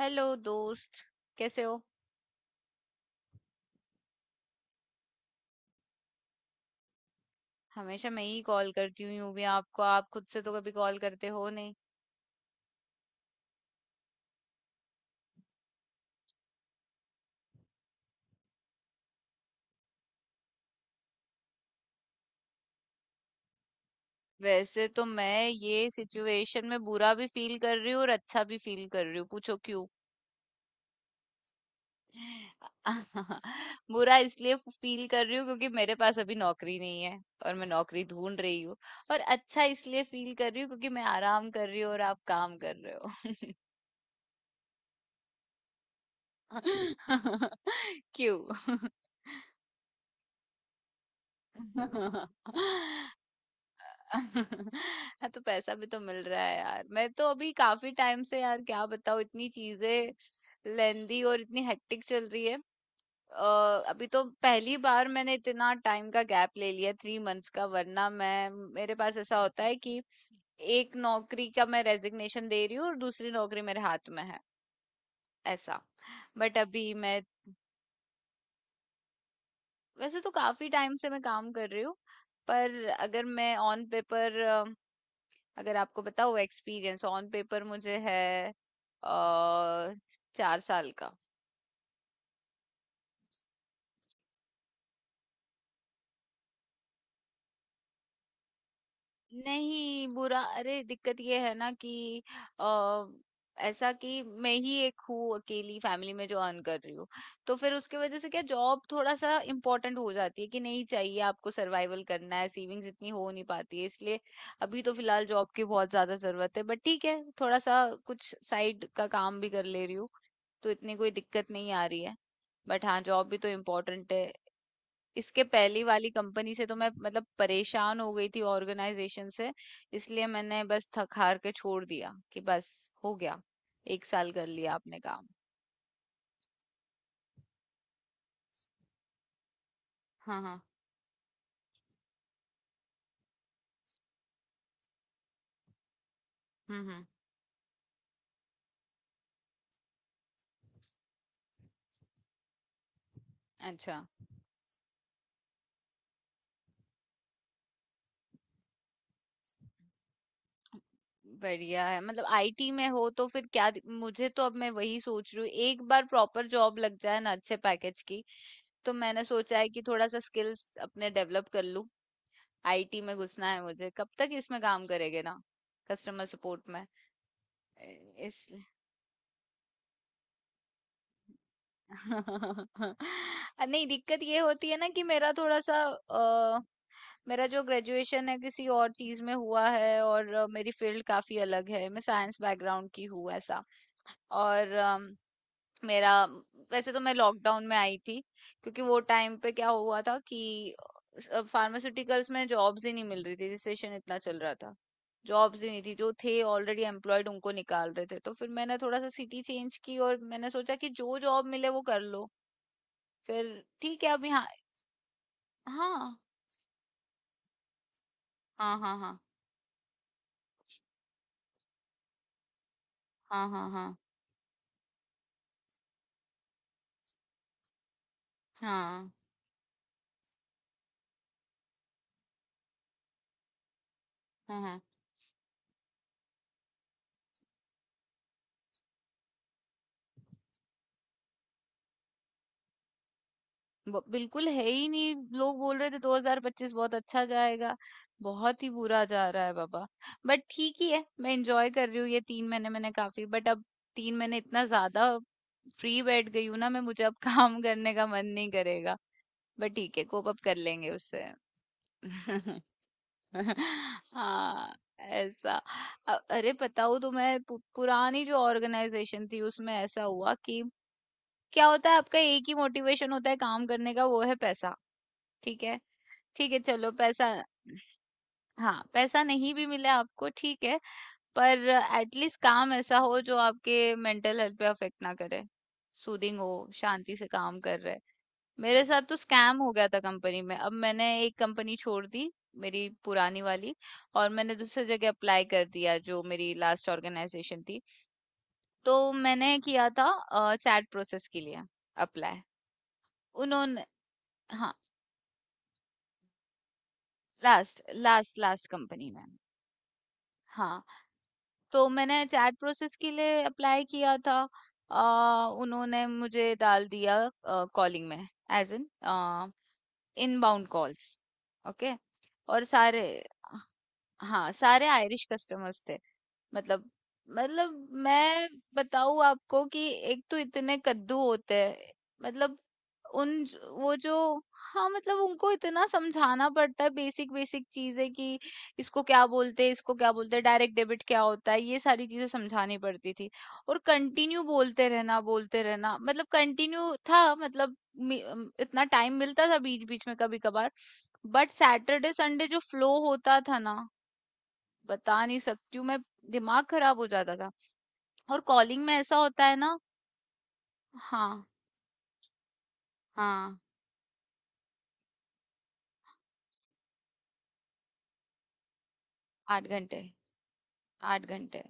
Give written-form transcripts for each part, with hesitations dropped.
Hello दोस्त। कैसे हो। हमेशा मैं ही कॉल करती हूँ यूं भी आपको। आप खुद से तो कभी कॉल करते हो नहीं। वैसे तो मैं ये सिचुएशन में बुरा भी फील कर रही हूँ और अच्छा भी फील कर रही हूँ। पूछो क्यों। बुरा इसलिए फील कर रही हूँ क्योंकि मेरे पास अभी नौकरी नहीं है और मैं नौकरी ढूंढ रही हूँ। और अच्छा इसलिए फील कर रही हूँ क्योंकि मैं आराम कर रही हूँ और आप काम कर रहे हो। क्यों। हाँ तो पैसा भी तो मिल रहा है यार। मैं तो अभी काफी टाइम से, यार क्या बताऊँ, इतनी चीजें लेंदी और इतनी हेक्टिक चल रही है। अभी तो पहली बार मैंने इतना टाइम का गैप ले लिया 3 मंथ्स का। वरना मैं, मेरे पास ऐसा होता है कि एक नौकरी का मैं रेजिग्नेशन दे रही हूँ और दूसरी नौकरी मेरे हाथ में है। ऐसा। बट अभी मैं, वैसे तो काफी टाइम से मैं काम कर रही हूँ। पर अगर मैं ऑन पेपर, अगर आपको बताओ एक्सपीरियंस ऑन पेपर मुझे है 4 साल का। नहीं, बुरा, अरे दिक्कत ये है ना कि अ, ऐसा कि मैं ही एक हूँ अकेली फैमिली में जो अर्न कर रही हूँ। तो फिर उसके वजह से क्या जॉब थोड़ा सा इम्पोर्टेंट हो जाती है कि नहीं, चाहिए, आपको सर्वाइवल करना है, सेविंग्स इतनी हो नहीं पाती है, इसलिए अभी तो फिलहाल जॉब की बहुत ज्यादा जरूरत है। बट ठीक है, थोड़ा सा कुछ साइड का काम भी कर ले रही हूँ तो इतनी कोई दिक्कत नहीं आ रही है। बट हाँ, जॉब भी तो इम्पोर्टेंट है। इसके पहली वाली कंपनी से तो मैं मतलब परेशान हो गई थी ऑर्गेनाइजेशन से। इसलिए मैंने बस थक हार के छोड़ दिया कि बस हो गया। 1 साल कर लिया आपने काम। हाँ, हाँ। हम्म, हम्म। अच्छा। बढ़िया है, मतलब आईटी में हो तो फिर क्या मुझे तो, अब मैं वही सोच रही हूँ, एक बार प्रॉपर जॉब लग जाए ना अच्छे पैकेज की तो मैंने सोचा है कि थोड़ा सा स्किल्स अपने डेवलप कर लूँ। आईटी में घुसना है मुझे। कब तक इसमें काम करेंगे ना, कस्टमर सपोर्ट में। इस नहीं, दिक्कत ये होती है ना कि मेरा थोड़ा सा अ, मेरा जो ग्रेजुएशन है किसी और चीज में हुआ है और मेरी फील्ड काफी अलग है। मैं साइंस बैकग्राउंड की हूँ। ऐसा। और मेरा, वैसे तो मैं लॉकडाउन में आई थी क्योंकि वो टाइम पे क्या हुआ था कि फार्मास्यूटिकल्स में जॉब्स ही नहीं मिल रही थी, रिसेशन इतना चल रहा था। जॉब्स ही नहीं थी, जो थे ऑलरेडी एम्प्लॉयड उनको निकाल रहे थे तो फिर मैंने थोड़ा सा सिटी चेंज की और मैंने सोचा कि जो जॉब मिले वो कर लो। फिर ठीक है अभी। हाँ। हाँ हाँ हाँ। हाँ हाँ हाँ। हाँ हाँ हाँ हाँ। बिल्कुल है ही नहीं। लोग बोल रहे थे 2025 बहुत अच्छा जाएगा। बहुत ही बुरा जा रहा है बाबा। बट ठीक ही है, मैं एंजॉय कर रही हूँ ये 3 महीने मैंने काफी। बट अब 3 महीने इतना ज्यादा फ्री बैठ गई हूँ ना मैं, मुझे अब काम करने का मन नहीं करेगा। बट ठीक है, कोप अप कर लेंगे उससे। हाँ। ऐसा। अरे बताऊँ तो मैं पुरानी जो ऑर्गेनाइजेशन थी उसमें ऐसा हुआ कि क्या होता है, आपका एक ही मोटिवेशन होता है काम करने का, वो है पैसा। ठीक है। ठीक है चलो, पैसा। हाँ पैसा नहीं भी मिले आपको ठीक है, पर एटलीस्ट काम ऐसा हो जो आपके मेंटल हेल्थ पे अफेक्ट ना करे, सूदिंग हो, शांति से काम कर रहे। मेरे साथ तो स्कैम हो गया था कंपनी में। अब मैंने एक कंपनी छोड़ दी, मेरी पुरानी वाली, और मैंने दूसरी जगह अप्लाई कर दिया जो मेरी लास्ट ऑर्गेनाइजेशन थी। तो मैंने किया था चैट प्रोसेस के लिए अप्लाई। उन्होंने, हाँ, लास्ट लास्ट लास्ट कंपनी में। हाँ तो मैंने चैट प्रोसेस के लिए अप्लाई किया था। उन्होंने मुझे डाल दिया कॉलिंग में, as in inbound calls. Okay. और सारे, हाँ सारे आयरिश कस्टमर्स थे। मतलब, मैं बताऊं आपको कि एक तो इतने कद्दू होते हैं। मतलब वो जो, हाँ, मतलब उनको इतना समझाना पड़ता है, बेसिक बेसिक चीजें कि इसको क्या बोलते हैं, इसको क्या बोलते हैं, डायरेक्ट डेबिट क्या होता है, ये सारी चीजें समझानी पड़ती थी। और कंटिन्यू बोलते रहना, बोलते रहना मतलब कंटिन्यू था, मतलब इतना टाइम मिलता था बीच बीच में कभी कभार। बट सैटरडे संडे जो फ्लो होता था ना, बता नहीं सकती हूँ मैं, दिमाग खराब हो जाता था। और कॉलिंग में ऐसा होता है ना। हाँ हाँ। 8 घंटे। 8 घंटे।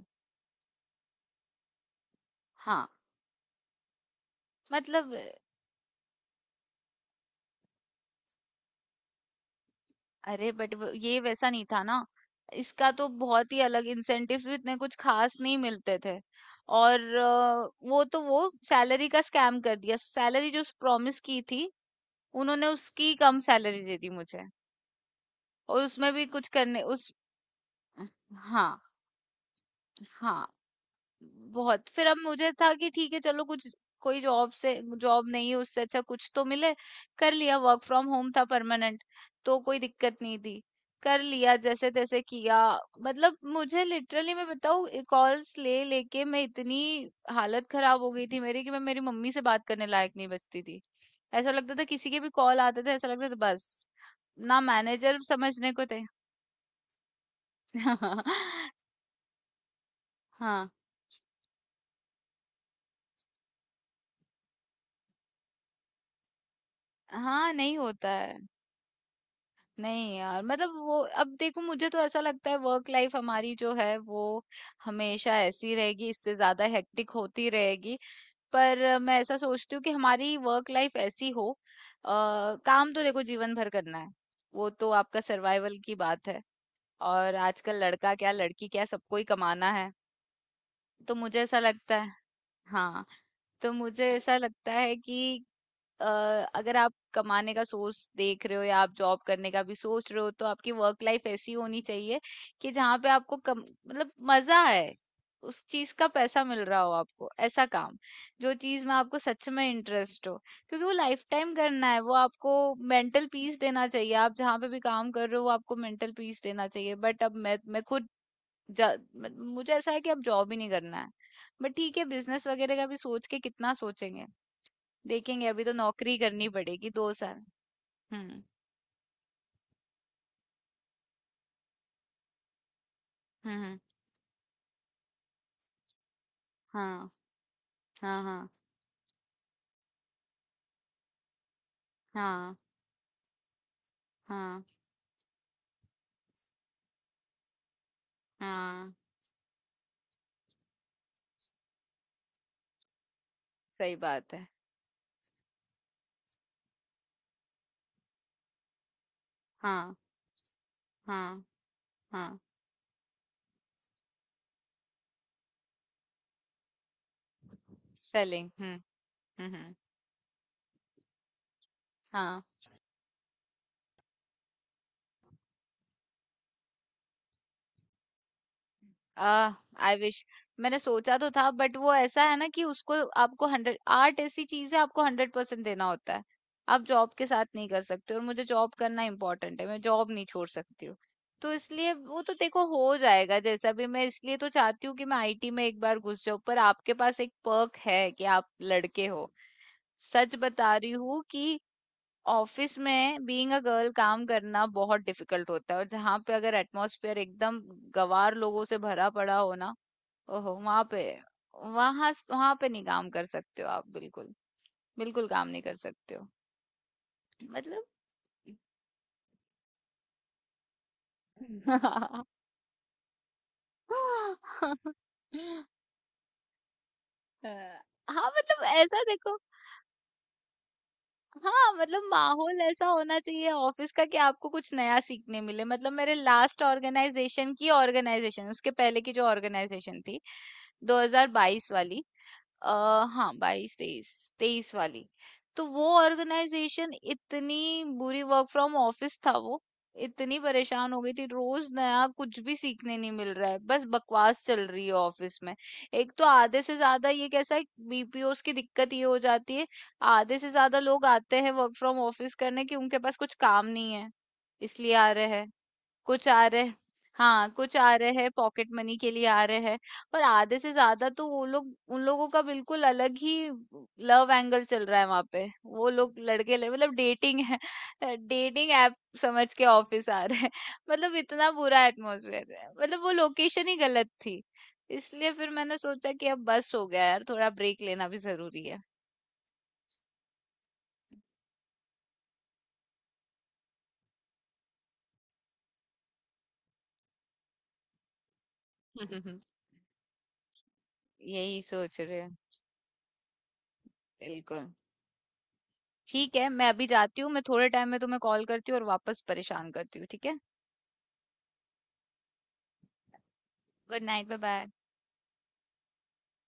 हाँ। मतलब, अरे बट ये वैसा नहीं था ना, इसका तो बहुत ही अलग, इंसेंटिव्स भी इतने कुछ खास नहीं मिलते थे। और वो सैलरी का स्कैम कर दिया। सैलरी जो प्रॉमिस की थी उन्होंने उसकी कम सैलरी दे दी मुझे। और उसमें भी कुछ करने उस। हाँ। हाँ बहुत। फिर अब मुझे था कि ठीक है चलो, कुछ कोई जॉब से जॉब नहीं है उससे अच्छा कुछ तो मिले। कर लिया। वर्क फ्रॉम होम था परमानेंट तो कोई दिक्कत नहीं थी, कर लिया जैसे तैसे किया। मतलब मुझे लिटरली, मैं बताऊँ, कॉल्स ले लेके मैं इतनी हालत खराब हो गई थी मेरी कि मैं मेरी मम्मी से बात करने लायक नहीं बचती थी। ऐसा लगता था किसी के भी कॉल आते थे ऐसा लगता था, बस ना मैनेजर समझने को थे। हाँ हाँ। नहीं होता है। नहीं यार, मतलब वो, अब देखो मुझे तो ऐसा लगता है वर्क लाइफ हमारी जो है वो हमेशा ऐसी रहेगी, इससे ज्यादा हेक्टिक होती रहेगी। पर मैं ऐसा सोचती हूँ कि हमारी वर्क लाइफ ऐसी हो अ, काम तो देखो जीवन भर करना है, वो तो आपका सर्वाइवल की बात है। और आजकल लड़का क्या लड़की क्या सबको ही कमाना है। तो मुझे ऐसा लगता है। हाँ, तो मुझे ऐसा लगता है कि अ, अगर आप कमाने का सोर्स देख रहे हो या आप जॉब करने का भी सोच रहे हो तो आपकी वर्क लाइफ ऐसी होनी चाहिए कि जहाँ पे आपको कम, मतलब मजा है उस चीज का, पैसा मिल रहा हो आपको ऐसा काम, जो चीज में आपको सच में इंटरेस्ट हो, क्योंकि वो लाइफ टाइम करना है वो। आपको मेंटल पीस देना चाहिए, आप जहाँ पे भी काम कर रहे हो वो आपको मेंटल पीस देना चाहिए। बट अब मैं खुद जा- मुझे ऐसा है कि अब जॉब ही नहीं करना है। बट ठीक है, बिजनेस वगैरह का भी सोच के कितना सोचेंगे, देखेंगे, अभी तो नौकरी करनी पड़ेगी 2 साल। हम्म हम्म। हाँ हाँ हाँ हाँ हाँ हाँ। सही बात है। हाँ हाँ हाँ। सेलिंग। हम्म। हाँ। आह। I wish. मैंने सोचा तो था बट वो ऐसा है ना कि उसको, आपको हंड्रेड, आर्ट ऐसी चीज है, आपको 100% देना होता है। आप जॉब के साथ नहीं कर सकते, और मुझे जॉब करना इम्पोर्टेंट है, मैं जॉब नहीं छोड़ सकती हूँ तो इसलिए वो तो देखो हो जाएगा जैसा भी। मैं इसलिए तो चाहती हूँ कि मैं आईटी में एक बार घुस जाऊं। पर आपके पास एक पर्क है कि आप लड़के हो। सच बता रही हूँ कि ऑफिस में बीइंग अ गर्ल काम करना बहुत डिफिकल्ट होता है, और जहाँ पे अगर एटमॉस्फेयर एकदम गवार लोगों से भरा पड़ा हो ना, ओहो, वहां पे, वहां वहां पे नहीं काम कर सकते हो आप, बिल्कुल बिल्कुल काम नहीं कर सकते हो। मतलब अ, हाँ मतलब ऐसा देखो, हाँ, मतलब माहौल ऐसा होना चाहिए ऑफिस का कि आपको कुछ नया सीखने मिले। मतलब मेरे लास्ट ऑर्गेनाइजेशन की ऑर्गेनाइजेशन उसके पहले की जो ऑर्गेनाइजेशन थी 2022 वाली, आ, हाँ बाईस तेईस तेईस वाली, तो वो ऑर्गेनाइजेशन इतनी बुरी, वर्क फ्रॉम ऑफिस था वो, इतनी परेशान हो गई थी, रोज नया कुछ भी सीखने नहीं मिल रहा है, बस बकवास चल रही है ऑफिस में। एक तो आधे से ज्यादा ये कैसा है, बीपीओस की दिक्कत ये हो जाती है, आधे से ज्यादा लोग आते हैं वर्क फ्रॉम ऑफिस करने कि उनके पास कुछ काम नहीं है, इसलिए आ रहे हैं। कुछ आ रहे हाँ कुछ आ रहे हैं पॉकेट मनी के लिए आ रहे हैं। पर आधे से ज्यादा तो वो लोग, उन लोगों का बिल्कुल अलग ही लव एंगल चल रहा है वहां पे। वो लोग लड़के मतलब डेटिंग है, डेटिंग ऐप समझ के ऑफिस आ रहे हैं। मतलब इतना बुरा एटमोसफेयर है, मतलब वो लोकेशन ही गलत थी। इसलिए फिर मैंने सोचा कि अब बस हो गया यार, थोड़ा ब्रेक लेना भी जरूरी है। यही सोच रहे हैं। बिल्कुल। ठीक है मैं अभी जाती हूँ, मैं थोड़े टाइम में तुम्हें कॉल करती हूँ और वापस परेशान करती हूँ, ठीक है। Good night. Bye bye.